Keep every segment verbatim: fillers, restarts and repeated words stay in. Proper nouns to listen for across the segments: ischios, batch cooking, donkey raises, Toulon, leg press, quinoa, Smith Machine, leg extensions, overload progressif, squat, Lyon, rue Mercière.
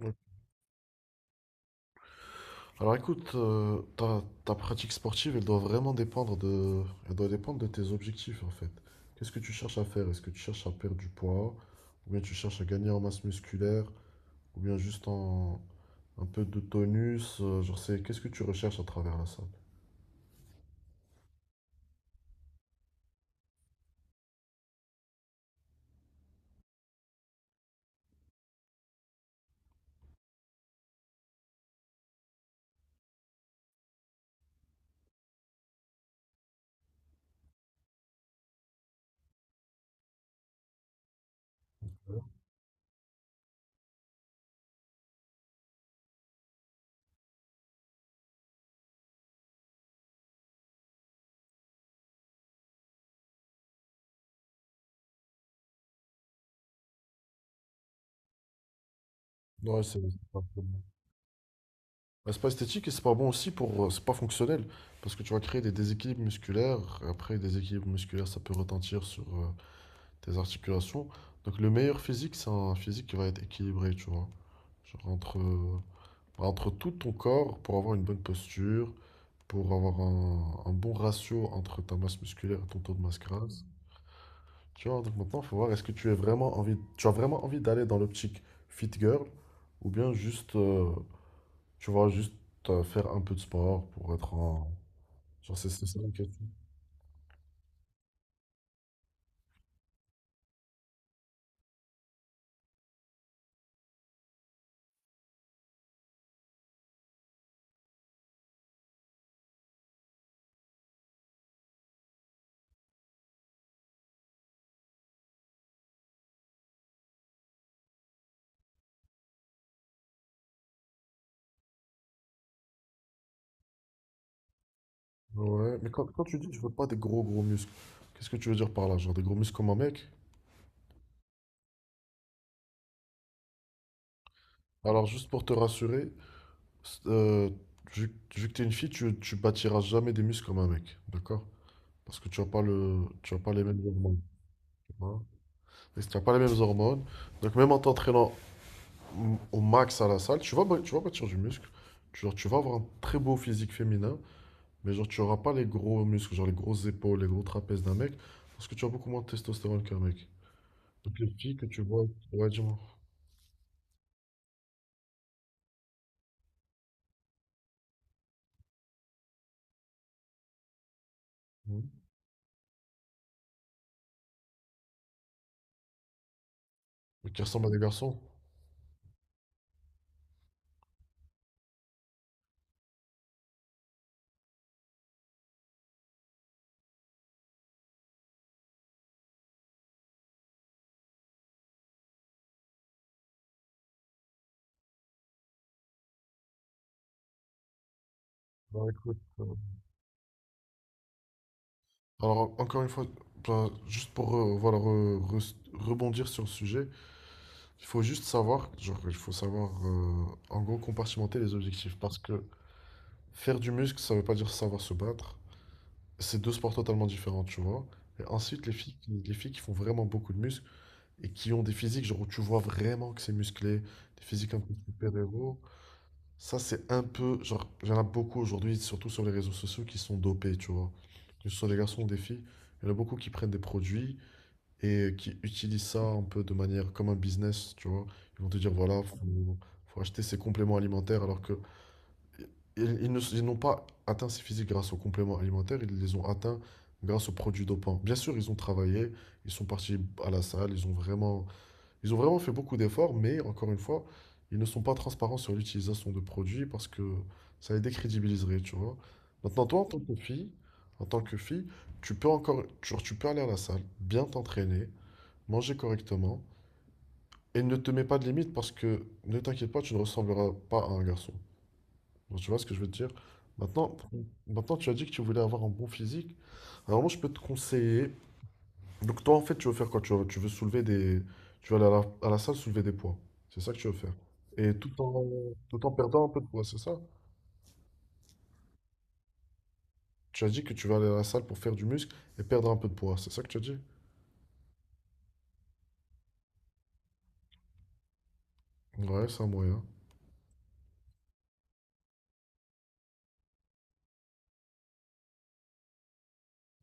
Ouais. Alors écoute, euh, ta, ta pratique sportive, elle doit vraiment dépendre de, elle doit dépendre de tes objectifs en fait. Qu'est-ce que tu cherches à faire? Est-ce que tu cherches à perdre du poids? Ou bien tu cherches à gagner en masse musculaire? Ou bien juste en un peu de tonus? euh, genre c'est, qu'est-ce que tu recherches à travers la salle? Ouais, c'est c'est pas très bon. Bah, c'est pas esthétique et c'est pas bon aussi pour, euh, c'est pas fonctionnel parce que tu vas créer des déséquilibres musculaires. Après, des déséquilibres musculaires, ça peut retentir sur, euh, tes articulations. Donc le meilleur physique, c'est un physique qui va être équilibré, tu vois. Genre entre, entre tout ton corps pour avoir une bonne posture, pour avoir un, un bon ratio entre ta masse musculaire et ton taux de masse grasse. Tu vois, donc maintenant, il faut voir est-ce que tu es vraiment envie, tu as vraiment envie d'aller dans l'optique fit girl ou bien juste, euh, tu vois, juste euh, faire un peu de sport pour être en... Genre, c'est c'est ça la question. Ouais, mais quand, quand tu dis que tu veux pas des gros gros muscles, qu'est-ce que tu veux dire par là? Genre des gros muscles comme un mec? Alors, juste pour te rassurer, euh, vu, que vu que t'es une fille, tu, tu bâtiras jamais des muscles comme un mec, d'accord? Parce que tu n'as pas le, tu as pas les mêmes hormones. Tu vois. Et si tu n'as pas les mêmes hormones, donc même en t'entraînant m- au max à la salle, tu vas, bâ- tu vas bâtir du muscle. Tu, genre, tu vas avoir un très beau physique féminin, mais genre tu n'auras pas les gros muscles, genre les grosses épaules, les gros trapèzes d'un mec, parce que tu as beaucoup moins de testostérone qu'un mec. Donc les filles que tu vois, ouais, dis-moi. Mhm. Qui ressemblent à des garçons. Bah écoute, euh, alors, encore une fois, ben, juste pour euh, voilà, re- re- rebondir sur le sujet, il faut juste savoir, genre, il faut savoir euh, en gros compartimenter les objectifs parce que faire du muscle, ça veut pas dire savoir se battre. C'est deux sports totalement différents, tu vois. Et ensuite, les filles, qui- les filles qui font vraiment beaucoup de muscles et qui ont des physiques, genre, où tu vois vraiment que c'est musclé, des physiques un peu super-héros, ça, c'est un peu, genre, il y en a beaucoup aujourd'hui, surtout sur les réseaux sociaux, qui sont dopés, tu vois. Que ce soit des garçons ou des filles, il y en a beaucoup qui prennent des produits, et qui utilisent ça un peu de manière comme un business, tu vois. Ils vont te dire, voilà, faut, faut acheter ces compléments alimentaires alors que ils, ils ne- ils n'ont pas atteint ces physiques grâce aux compléments alimentaires, ils les ont atteints grâce aux produits dopants. Bien sûr, ils ont travaillé, ils sont partis à la salle, ils ont vraiment, ils ont vraiment fait beaucoup d'efforts, mais encore une fois, ils ne sont pas transparents sur l'utilisation de produits parce que ça les décrédibiliserait, tu vois. Maintenant, toi, en tant que fille, en tant que fille, tu peux encore, tu, tu peux aller à la salle, bien t'entraîner, manger correctement et ne te mets pas de limite parce que ne t'inquiète pas, tu ne ressembleras pas à un garçon. Donc, tu vois ce que je veux te dire? Maintenant, maintenant, tu as dit que tu voulais avoir un bon physique. Alors moi, je peux te conseiller. Donc toi, en fait, tu veux faire quoi? Tu veux, tu veux soulever des, tu veux aller à la, à la salle soulever des poids. C'est ça que tu veux faire. Et tout en, tout en perdant un peu de poids, c'est ça? Tu as dit que tu vas aller à la salle pour faire du muscle et perdre un peu de poids. C'est ça que tu as dit? Ouais, c'est un moyen.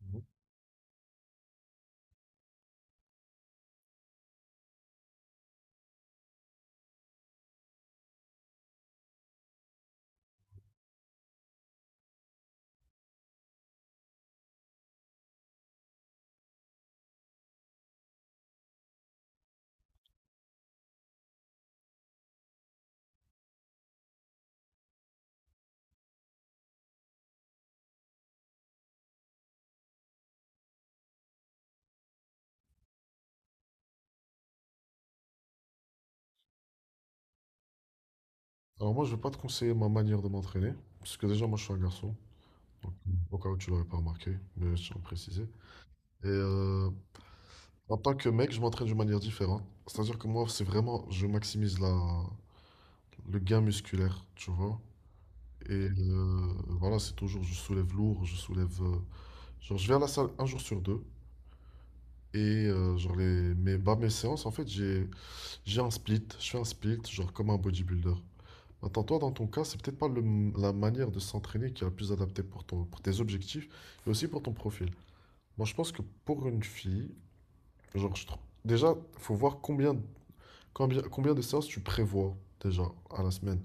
Mhm. Alors moi, je vais pas te conseiller ma manière de m'entraîner parce que déjà, moi, je suis un garçon. Donc, au cas où tu l'aurais pas remarqué, mais je tiens à le préciser. Et euh, en tant que mec, je m'entraîne d'une manière différente. C'est-à-dire que moi, c'est vraiment, je maximise la, le gain musculaire, tu vois. Et euh, voilà, c'est toujours, je soulève lourd, je soulève. Euh, genre, je vais à la salle un jour sur deux. Et euh, genre, les, mes, bah, mes séances, en fait, j'ai, j'ai un split. Je fais un split, genre comme un bodybuilder. Maintenant, toi, dans ton cas, c'est peut-être pas le- la manière de s'entraîner qui est la plus adaptée pour ton, pour tes objectifs et aussi pour ton profil. Moi, je pense que pour une fille, Genre, je trouve- déjà, faut voir combien, combien, combien de séances tu prévois déjà à la semaine.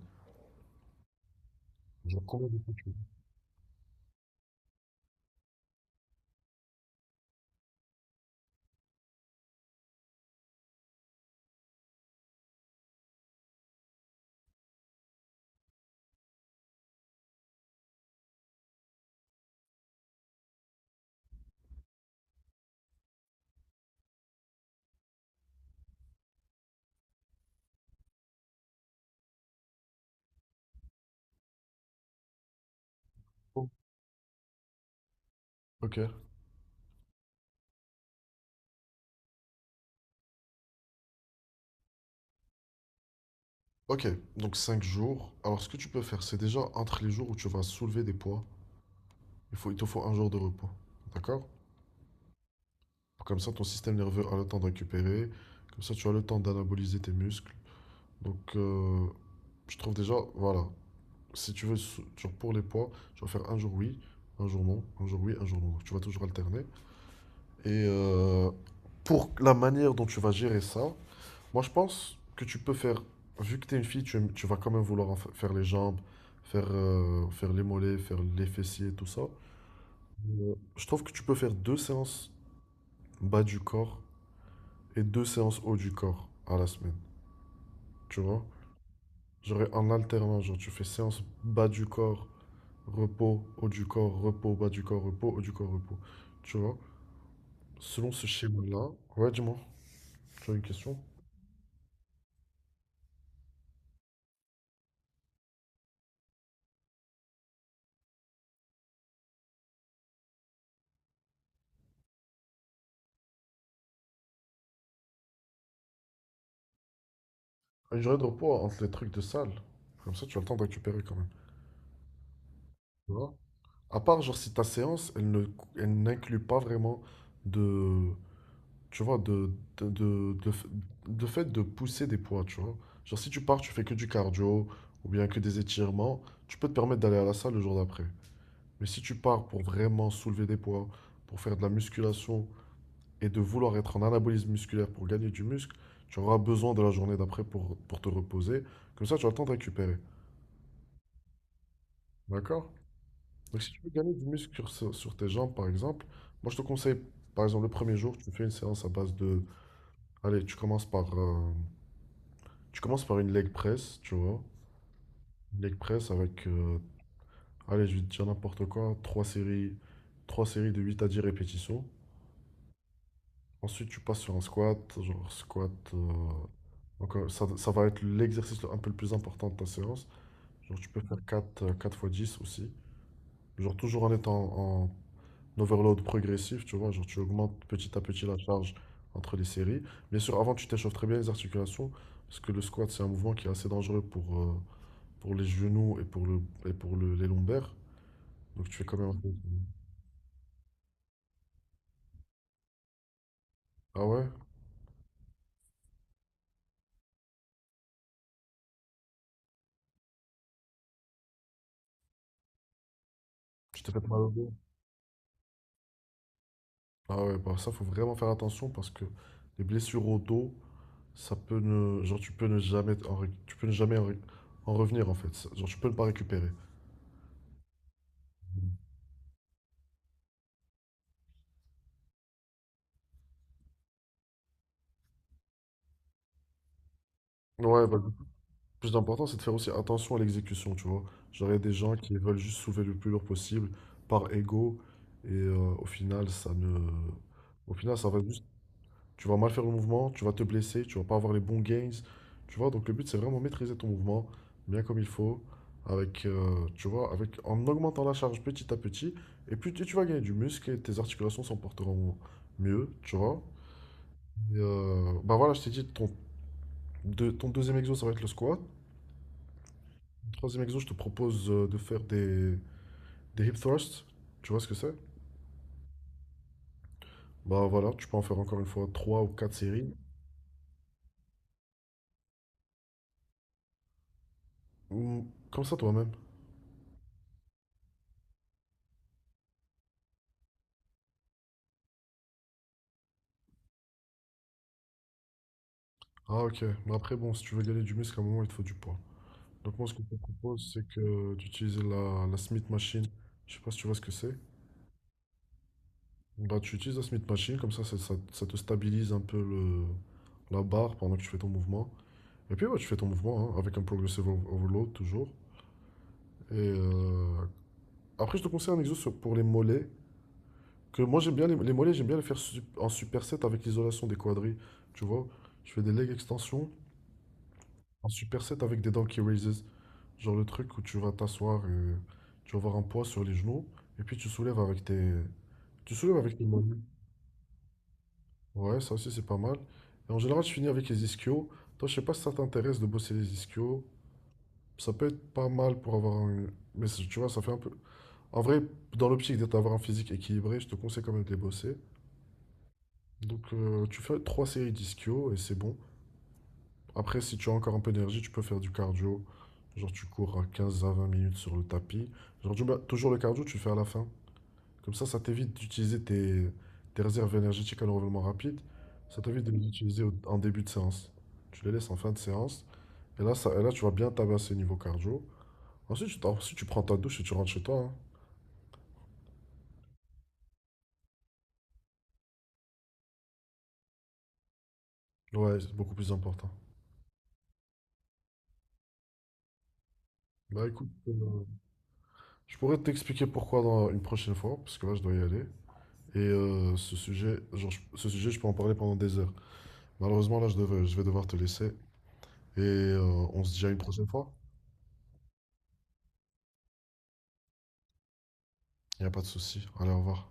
Genre, combien de fois tu prévois. Ok. Ok, donc cinq jours. Alors, ce que tu peux faire, c'est déjà entre les jours où tu vas soulever des poids, il faut, il te faut un jour de repos. D'accord? Comme ça, ton système nerveux a le temps de récupérer. Comme ça, tu as le temps d'anaboliser tes muscles. Donc, euh, je trouve déjà, voilà. Si tu veux, sou- genre pour les poids, tu vas faire un jour oui, un jour non, un jour oui, un jour non. Donc, tu vas toujours alterner. Et euh, pour la manière dont tu vas gérer ça, moi je pense que tu peux faire, vu que tu es une fille, tu, aimes- tu vas quand même vouloir en fa- faire les jambes, faire, euh, faire les mollets, faire les fessiers, tout ça. Euh, Je trouve que tu peux faire deux séances bas du corps et deux séances haut du corps à la semaine, tu vois? Genre en alternant, genre tu fais séance bas du corps, repos, haut du corps, repos, bas du corps, repos, haut du corps, repos. Tu vois? Selon ce schéma-là, ouais, dis-moi, tu as une question? Une journée de repos entre les trucs de salle. Comme ça, tu as le temps de récupérer quand même. Tu vois? À part, genre, si ta séance, elle ne, elle n'inclut pas vraiment de, tu vois, de, de, de, de f- de fait de pousser des poids, tu vois. Genre, si tu pars, tu fais que du cardio ou bien que des étirements, tu peux te permettre d'aller à la salle le jour d'après. Mais si tu pars pour vraiment soulever des poids, pour faire de la musculation et de vouloir être en anabolisme musculaire pour gagner du muscle, tu auras besoin de la journée d'après pour, pour te reposer. Comme ça, tu as le temps de récupérer. D'accord? Donc, si tu veux gagner du muscle sur, sur- sur tes jambes, par exemple, moi je te conseille, par exemple, le premier jour, tu fais une séance à base de. Allez, tu commences par, euh, tu commences par une leg press, tu vois. Une leg press avec, euh, allez, je vais te dire n'importe quoi, trois séries, trois séries de huit à dix répétitions. Ensuite, tu passes sur un squat, genre squat. euh, donc, euh, ça, ça va être l'exercice le- un peu le plus important de ta séance. Genre, tu peux faire quatre euh, quatre fois dix aussi. Genre, toujours en étant en l'overload progressif, tu vois, genre tu augmentes petit à petit la charge entre les séries. Bien sûr, avant, tu t'échauffes très bien les articulations, parce que le squat, c'est un mouvement qui est assez dangereux pour, euh, pour les genoux et pour le, et pour le- les lombaires. Donc tu fais quand même... un peu- Ah ouais? Tu t'es fait mal au dos? Ah ouais, bah ça, faut vraiment faire attention parce que les blessures au dos, ça peut ne... Genre, tu peux ne jamais, en ré- tu peux ne jamais en, ré- en revenir, en fait. Ça- Genre, tu peux ne pas récupérer. Ouais, vas plus important, c'est de faire aussi attention à l'exécution, tu vois. Genre, il y a des gens qui veulent juste soulever le plus lourd possible par ego, et euh, au final, ça ne... Au final, ça va juste... Tu vas mal faire le mouvement, tu vas te blesser, tu vas pas avoir les bons gains, tu vois. Donc, le but, c'est vraiment maîtriser ton mouvement, bien comme il faut, avec, euh, tu vois, avec, en augmentant la charge petit à petit, et puis tu tu vas gagner du muscle, et tes articulations s'en porteront mieux, tu vois. Et, euh, bah voilà, je t'ai dit, ton, deux- ton deuxième exo, ça va être le squat. Troisième exo, je te propose euh, de faire des, des hip thrusts. Tu vois ce que c'est? Bah voilà, tu peux en faire encore une fois trois ou quatre séries. Ou comme ça toi-même. Ah ok, mais après bon, si tu veux gagner du muscle, à un moment il te faut du poids. Donc moi ce que je te propose, c'est que d'utiliser la, la Smith Machine. Je sais pas si tu vois ce que c'est. Bah tu utilises la Smith Machine, comme ça ça, ça- ça te stabilise un peu le, la barre pendant que tu fais ton mouvement. Et puis ouais, tu fais ton mouvement hein, avec un progressive over- overload toujours. Et euh, après je te conseille un exo sur- pour les mollets. Que moi j'aime bien les, les mollets, j'aime bien les faire su- en superset avec l'isolation des quadris. Tu vois, je fais des leg extensions en superset avec des donkey raises. Genre le truc où tu vas t'asseoir et tu vas avoir un poids sur les genoux et puis tu soulèves avec tes tu soulèves avec tes mollets. Ouais, ça aussi c'est pas mal. Et en général, je finis avec les ischios. Toi, je sais pas si ça t'intéresse de bosser les ischios. Ça peut être pas mal pour avoir un mais c'est- tu vois, ça fait un peu. En vrai, dans l'optique d'être avoir un physique équilibré, je te conseille quand même de les bosser. Donc euh, tu fais trois séries d'ischio et c'est bon. Après, si tu as encore un peu d'énergie, tu peux faire du cardio. Genre tu cours à quinze à vingt minutes sur le tapis. Genre tu- bah, toujours le cardio, tu le fais à la fin. Comme ça, ça t'évite d'utiliser tes, tes réserves énergétiques à l'enrôlement rapide. Ça t'évite de les utiliser au- en début de séance. Tu les laisses en fin de séance. Et là, ça, et là tu vas bien tabasser niveau cardio. Ensuite, tu, t'en- ensuite, tu prends ta douche et tu rentres chez toi. Hein. Ouais, c'est beaucoup plus important. Bah écoute, euh, je pourrais t'expliquer pourquoi dans une prochaine fois, parce que là, je dois y aller. Et euh, ce sujet, genre, je- ce sujet, je peux en parler pendant des heures. Malheureusement, là, je devais- je vais devoir te laisser. Et euh, on se dit à une prochaine fois. Il n'y a pas de souci. Allez, au revoir.